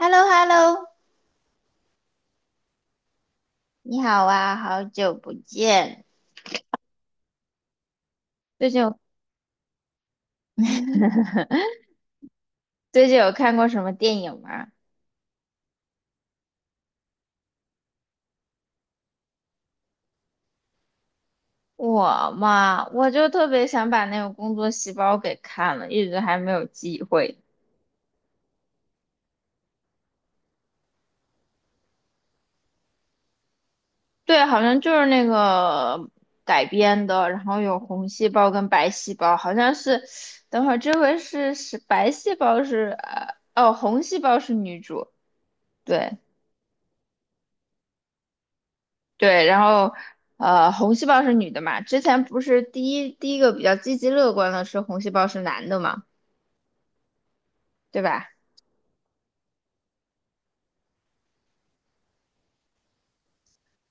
h e l l o h e l l o 你好啊，好久不见。最近有最近有看过什么电影吗？我嘛，我就特别想把那个《工作细胞》给看了，一直还没有机会。对，好像就是那个改编的，然后有红细胞跟白细胞，好像是。等会儿这回是白细胞是红细胞是女主，对。对，然后红细胞是女的嘛？之前不是第一个比较积极乐观的是红细胞是男的嘛，对吧？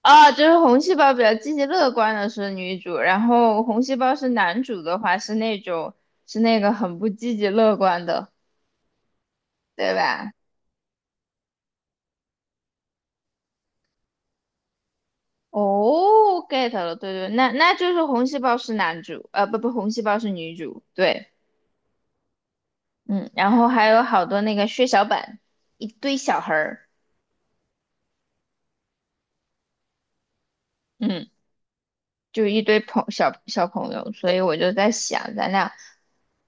啊，就是红细胞比较积极乐观的是女主，然后红细胞是男主的话是那种是那个很不积极乐观的，对吧？哦，get 了，对对，那就是红细胞是男主，不不，红细胞是女主，对，嗯，然后还有好多那个血小板，一堆小孩儿，嗯。就一堆朋小小朋友，所以我就在想，咱俩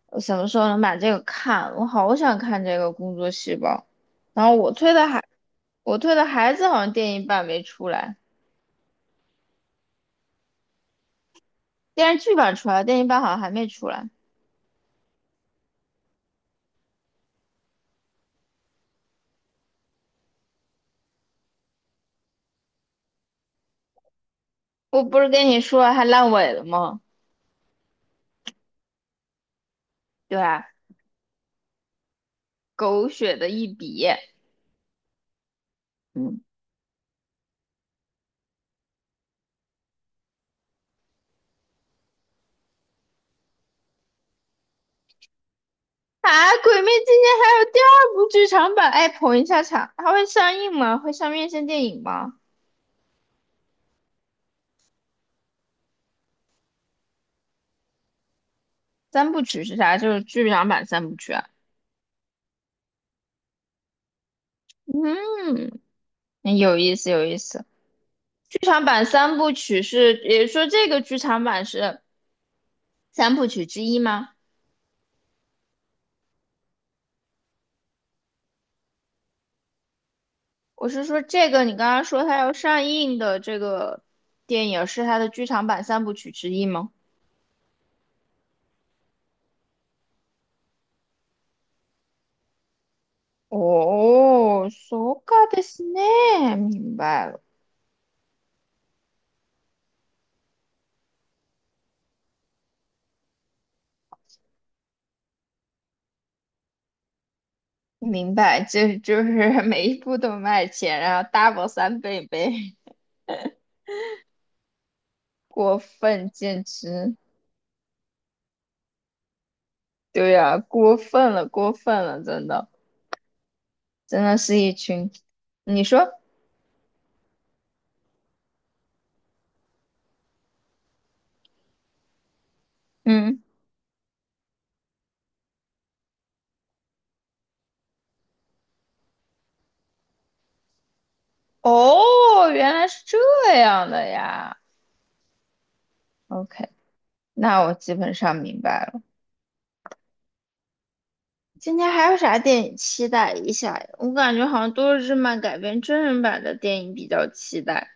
什么时候能把这个看？我好想看这个《工作细胞》，然后我推的孩子好像电影版没出来，电视剧版出来了，电影版好像还没出来。我不是跟你说还烂尾了吗？对吧？狗血的一笔，嗯。啊，《鬼灭》今年还有第二部剧场版，哎，捧一下场，它会上映吗？会上院线电影吗？三部曲是啥？就是剧场版三部曲啊。嗯，嗯有意思，有意思。剧场版三部曲是，也就是说这个剧场版是三部曲之一吗？我是说这个，你刚刚说它要上映的这个电影是它的剧场版三部曲之一吗？哦，そうかですね，明白了，明白，这就是每一部都卖钱，然后 double 三倍呗，过分，简直，对呀、过分了，过分了，真的，真的是一群，你说，嗯。哦，原来是这样的呀。OK，那我基本上明白了。今天还有啥电影期待一下呀，我感觉好像都是日漫改编真人版的电影比较期待。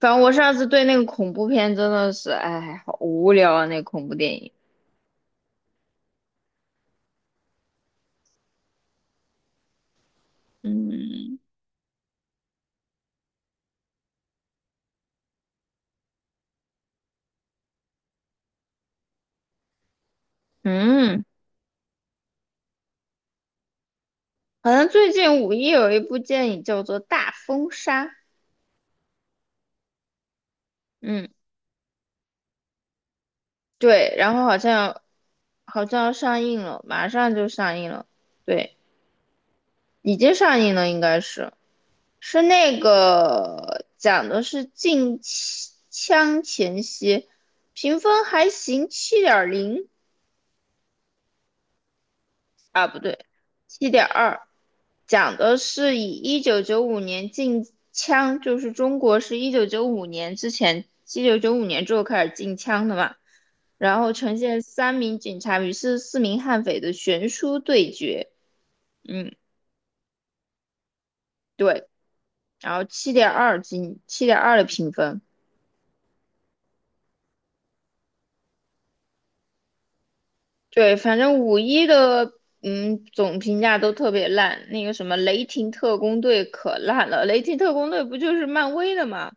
反正我上次对那个恐怖片真的是，哎，好无聊啊，那恐怖电影。嗯嗯，好像最近五一有一部电影叫做《大风沙》。嗯，对，然后好像好像要上映了，马上就上映了。对。已经上映了，应该是是那个讲的是禁枪前夕，评分还行，7.0。啊，不对，七点二，讲的是以一九九五年禁枪，就是中国是一九九五年之前，一九九五年之后开始禁枪的嘛，然后呈现三名警察与44名悍匪的悬殊对决，嗯，对，然后七点二的评分。对，反正五一的嗯总评价都特别烂，那个什么雷霆特工队可烂了，雷霆特工队不就是漫威的嘛？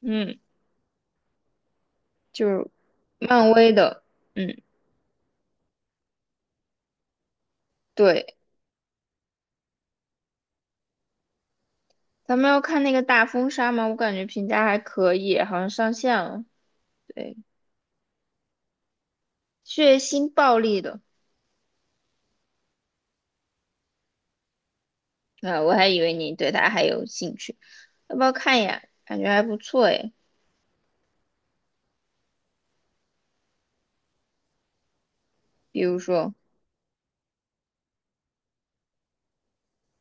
嗯，就是漫威的，嗯，对，咱们要看那个大风沙嘛，我感觉评价还可以，好像上线了，对，血腥暴力的，啊，我还以为你对它还有兴趣，要不要看一眼？感觉还不错诶，比如说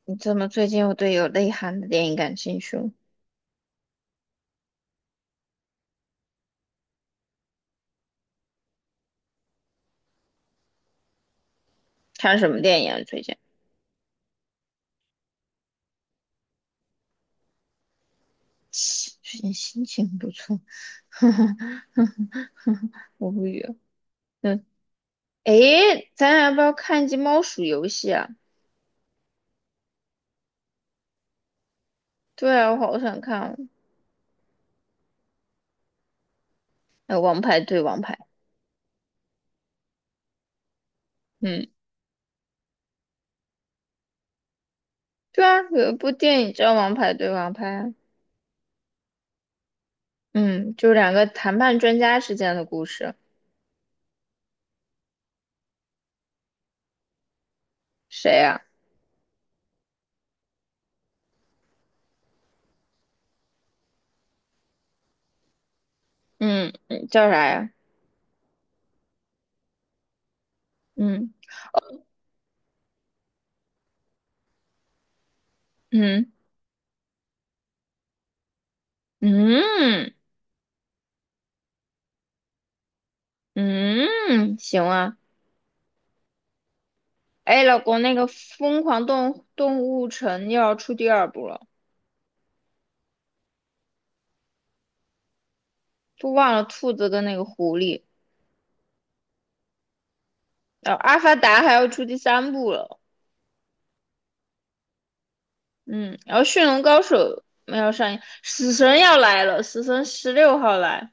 你怎么最近又对有内涵的电影感兴趣了？看什么电影啊最近？最近心情不错，我无语了。嗯，诶，咱俩要不要看一集猫鼠游戏啊？对啊，我好想看哦。呃，王牌对王牌，嗯，对啊，有一部电影叫《王牌对王牌》啊。嗯，就是两个谈判专家之间的故事。谁呀、嗯嗯，叫啥呀？嗯嗯嗯嗯，行啊。哎，老公，那个《疯狂动物城》又要出第二部了，都忘了兔子跟那个狐狸。然后《阿凡达》还要出第三部了，嗯，然后《驯龙高手》没有上映，死神要来了，死神十六号来，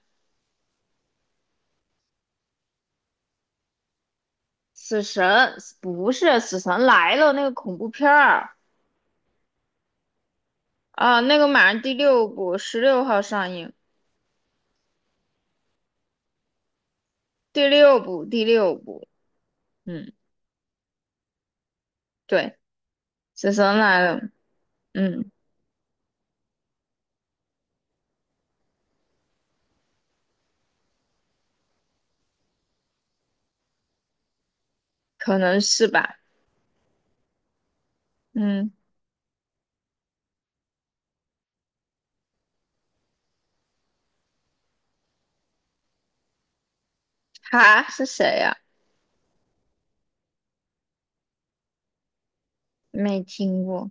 死神不是死神来了那个恐怖片儿啊，那个马上第六部十六号上映，第六部第六部，嗯，对，死神来了，嗯，可能是吧，嗯，哈是谁呀、没听过，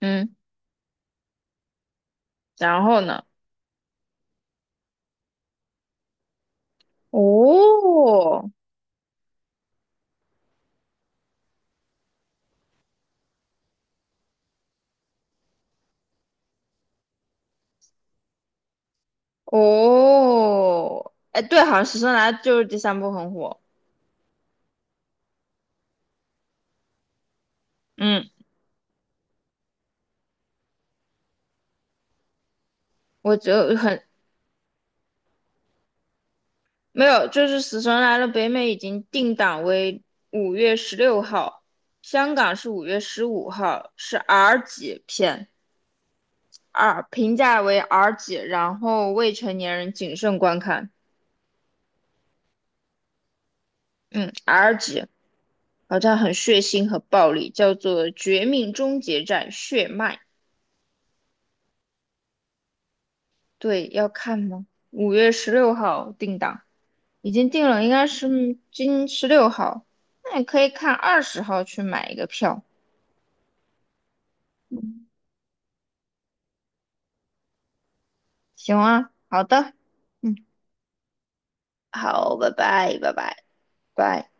嗯，然后呢？哦，哦，哎，对，好像《死神来了》就是第三部很火。嗯，我就很没有，就是《死神来了》北美已经定档为五月十六号，香港是5月15号，是 R 级片，R 评价为 R 级，然后未成年人谨慎观看。嗯，R 级好像很血腥和暴力，叫做《绝命终结战：血脉》。对，要看吗？五月十六号定档。已经定了，应该是今十六号，那你可以看20号去买一个票，行啊，好的，嗯，好，拜拜，拜拜。拜。